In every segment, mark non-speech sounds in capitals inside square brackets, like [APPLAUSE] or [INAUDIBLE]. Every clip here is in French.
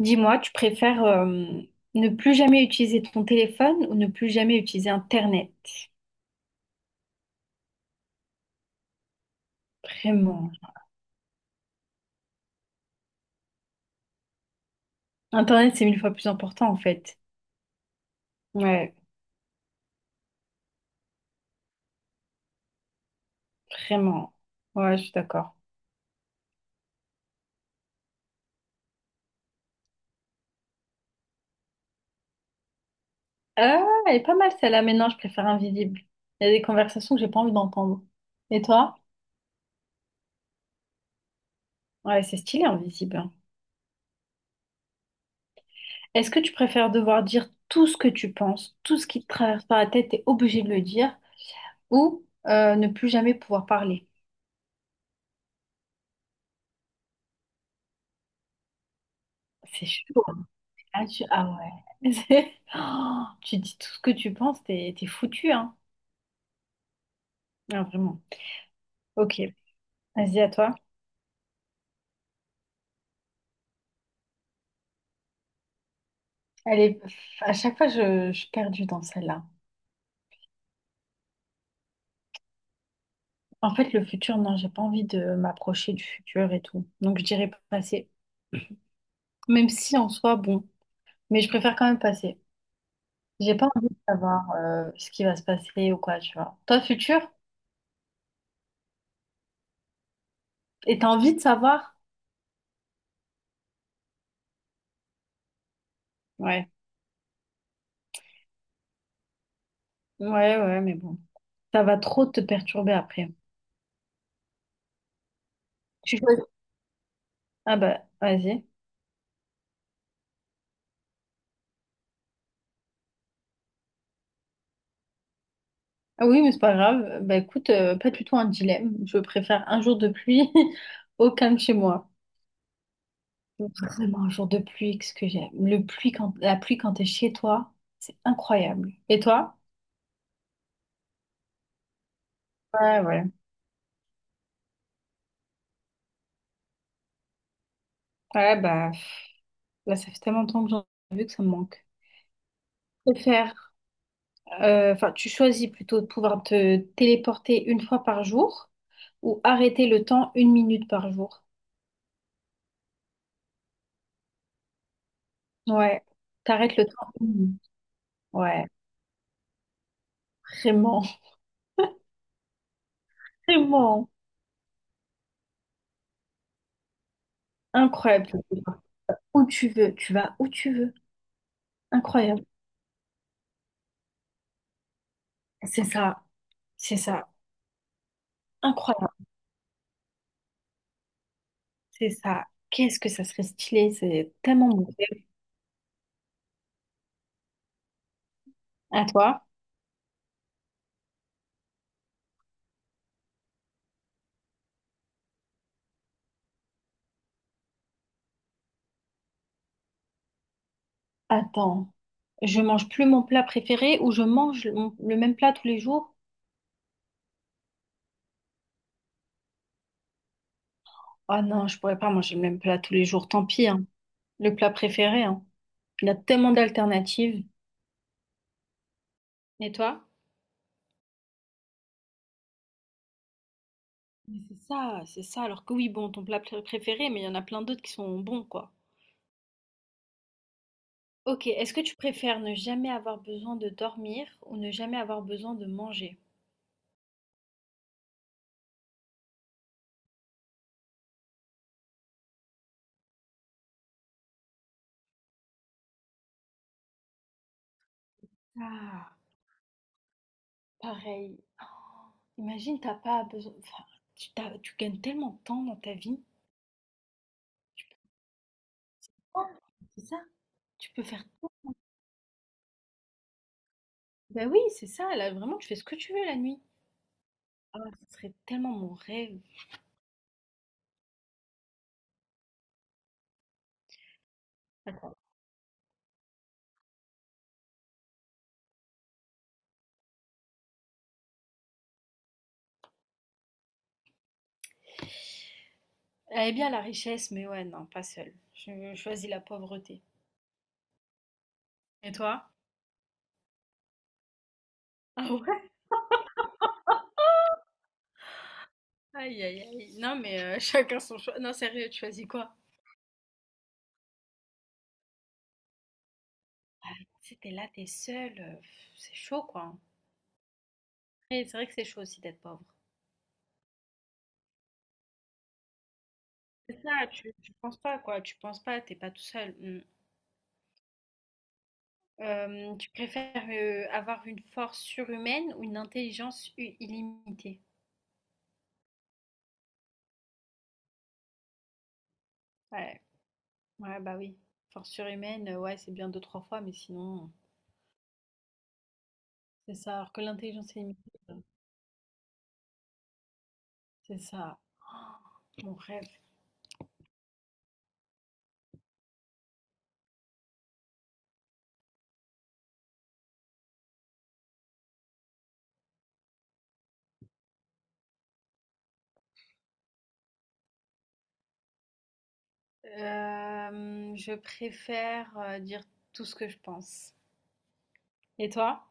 Dis-moi, tu préfères ne plus jamais utiliser ton téléphone ou ne plus jamais utiliser Internet? Vraiment. Internet, c'est mille fois plus important en fait. Ouais, vraiment. Ouais, je suis d'accord. Ah, elle est pas mal celle-là. Mais non, je préfère invisible. Il y a des conversations que j'ai pas envie d'entendre. Et toi? Ouais, c'est stylé invisible, hein. Est-ce que tu préfères devoir dire tout ce que tu penses, tout ce qui te traverse par la tête, t'es obligé de le dire, ou ne plus jamais pouvoir parler? C'est chaud. Ah, tu... ah ouais. [LAUGHS] Oh, tu dis tout ce que tu penses, t'es foutu, hein. Non, vraiment. Ok, vas-y à toi. Allez, à chaque fois, je suis perdue dans celle-là. En fait, le futur, non, j'ai pas envie de m'approcher du futur et tout. Donc, je dirais passer. Même si en soi, bon. Mais je préfère quand même passer. J'ai pas envie de savoir ce qui va se passer ou quoi, tu vois. Toi, futur, et t'as envie de savoir? Ouais. Ouais, ouais, mais bon. Ça va trop te perturber après. Tu choisis. Ah bah, vas-y. Ah oui, mais c'est pas grave. Bah écoute, pas du tout un dilemme. Je préfère un jour de pluie [LAUGHS] au calme chez moi. [LAUGHS] Vraiment un jour de pluie, qu'est-ce que j'aime. Le pluie quand La pluie quand t'es chez toi, c'est incroyable. Et toi? Ouais, ouais. Ouais, bah pff, là, ça fait tellement longtemps que j'en ai vu que ça me manque. Je préfère, enfin, tu choisis plutôt de pouvoir te téléporter une fois par jour ou arrêter le temps une minute par jour. Ouais, t'arrêtes le temps une minute. Ouais, vraiment, [LAUGHS] vraiment incroyable. Où tu veux, tu vas où tu veux. Incroyable. C'est ça, c'est ça, incroyable. C'est ça. Qu'est-ce que ça serait stylé, c'est tellement beau. À toi? Attends, je mange plus mon plat préféré ou je mange le même plat tous les jours? Ah non, je pourrais pas manger le même plat tous les jours, tant pis, hein. Le plat préféré, hein. Il y a tellement d'alternatives. Et toi? Mais c'est ça, c'est ça. Alors que oui, bon, ton préféré, mais il y en a plein d'autres qui sont bons, quoi. Ok, est-ce que tu préfères ne jamais avoir besoin de dormir ou ne jamais avoir besoin de manger? Ah, pareil. Oh, imagine, t'as pas besoin. Enfin, tu gagnes tellement de temps dans ta vie. Tu peux, oh, c'est ça? Tu peux faire. Ben oui, c'est ça. Là, vraiment, tu fais ce que tu veux la nuit. Ah, ce serait tellement mon rêve. Attends. Elle est bien la richesse, mais ouais, non, pas seule. Je choisis la pauvreté. Et toi? Ah ouais? Aïe, aïe, aïe. Non, mais [LAUGHS] chacun son choix. Non, sérieux, tu choisis quoi? C'était là, t'es es seule, c'est chaud, quoi. Et c'est vrai que c'est chaud aussi d'être pauvre. C'est ça, tu penses pas, quoi, tu penses pas, t'es pas tout seul. Mmh. Hem, tu préfères, avoir une force surhumaine ou une intelligence u illimitée? Ouais, ouais, bah, oui. Force surhumaine, ouais, c'est bien deux, trois fois, mais sinon c'est ça, alors que l'intelligence illimitée, heu, c'est ça. [GASPS] Oh, mon rêve. Hem, je préfère, dire tout ce que je pense. Et toi?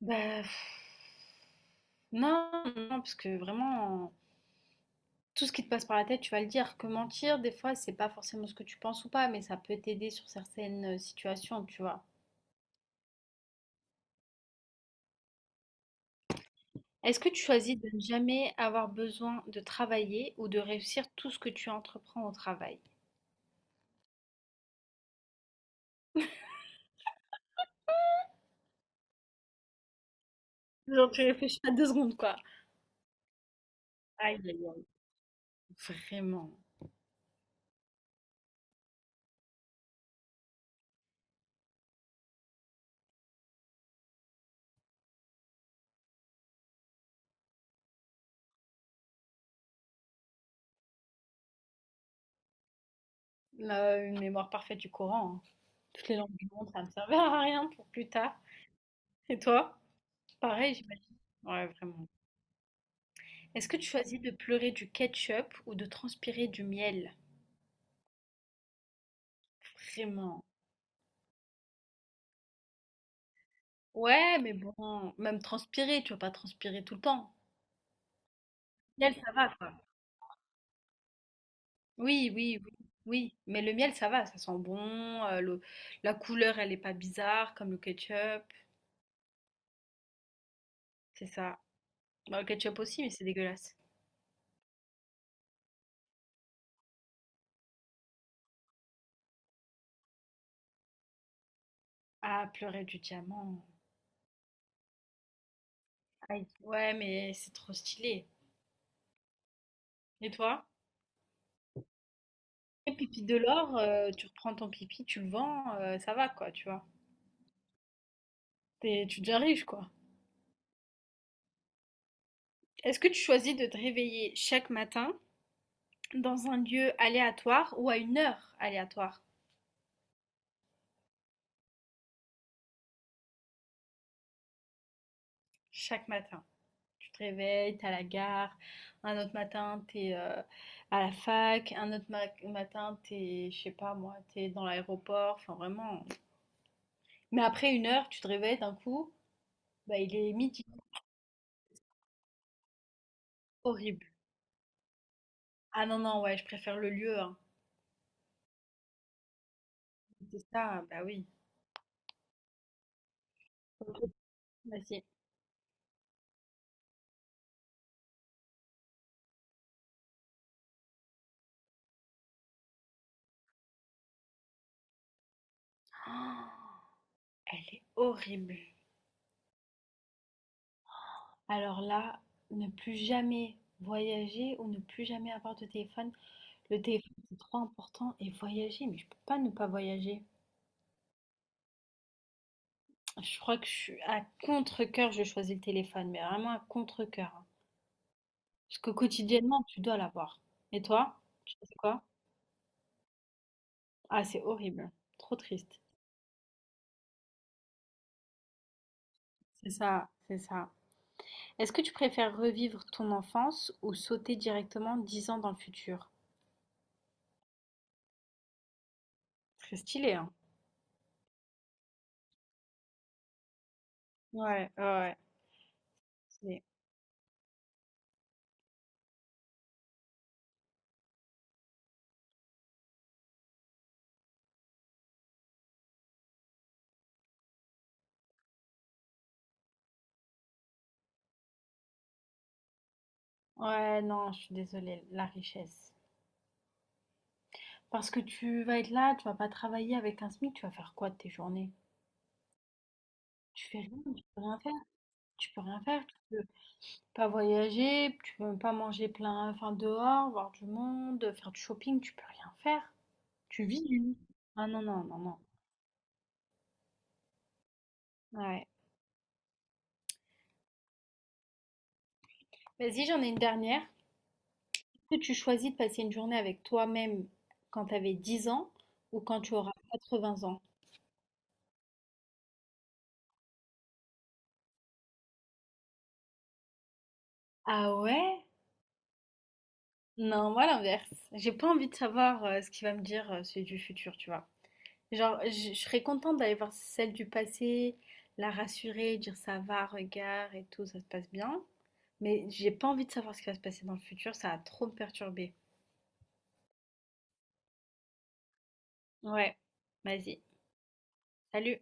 Bah, pff, non, non, parce que vraiment, tout ce qui te passe par la tête, tu vas le dire. Que mentir, des fois, c'est pas forcément ce que tu penses ou pas, mais ça peut t'aider sur certaines situations, tu vois. Est-ce que tu choisis de ne jamais avoir besoin de travailler ou de réussir tout ce que tu entreprends au travail? Genre, tu réfléchis à deux secondes, quoi. Aïe, aïe, aïe. Vraiment. Là, une mémoire parfaite du Coran, hein. Toutes les langues du monde, ça ne me servira à rien pour plus tard. Et toi? Pareil, j'imagine. Ouais, vraiment. Est-ce que tu choisis de pleurer du ketchup ou de transpirer du miel? Vraiment. Ouais, mais bon, même transpirer, tu vas pas transpirer tout le temps. Miel, ça va, quoi. Oui, oui, oui, oui. Mais le miel, ça va, ça sent bon. euh, le- La couleur, elle est pas bizarre, comme le ketchup. C'est ça. Bah, le ketchup aussi, mais c'est dégueulasse. Ah, pleurer du diamant. Aïe. Ouais, mais c'est trop stylé. Et toi? Et pipi de l'or, tu reprends ton pipi, tu le vends, ça va, quoi, tu vois. Tu deviens riche, quoi. Est-ce que tu choisis de te réveiller chaque matin dans un lieu aléatoire ou à une heure aléatoire chaque matin? Tu te réveilles, t'es à la gare, un autre matin t'es à la fac, un matin t'es, je sais pas moi, t'es dans l'aéroport, enfin vraiment. Mais après une heure, tu te réveilles d'un coup, bah il est midi, horrible. Ah non, non, ouais, je préfère le lieu, hein. C'est ça, bah oui. Vas-y. Oh, elle est horrible. Alors là, ne plus jamais voyager ou ne plus jamais avoir de téléphone. Le téléphone, c'est trop important. Et voyager, mais je peux pas ne pas voyager. Je crois que je suis à contre-cœur, je choisis le téléphone, mais vraiment à contre-cœur, hein. Parce que quotidiennement, tu dois l'avoir. Et toi, tu fais quoi? Ah, c'est horrible. Trop triste. C'est ça, c'est ça. Est-ce que tu préfères revivre ton enfance ou sauter directement 10 ans dans le futur? Très stylé, hein? Ouais, ouais, ouais. Stylé. Ouais, non, je suis désolée, la richesse. Parce que tu vas être là, tu vas pas travailler avec un SMIC, tu vas faire quoi de tes journées? Tu fais rien, tu peux rien faire, tu peux rien faire, tu peux pas voyager, tu peux pas manger plein, enfin dehors, voir du monde, faire du shopping, tu peux rien faire. Tu vis du lit. Ah non, non, non, non. Ouais. Vas-y, j'en ai une dernière. Est-ce que tu choisis de passer une journée avec toi-même quand tu avais 10 ans ou quand tu auras 80 ans? Ah ouais? Non, moi l'inverse. J'ai pas envie de savoir ce qu'il va me dire celui du futur, tu vois. Genre, je serais contente d'aller voir celle du passé, la rassurer, dire ça va, regarde et tout, ça se passe bien. Mais j'ai pas envie de savoir ce qui va se passer dans le futur, ça va trop me perturber. Ouais, vas-y. Salut.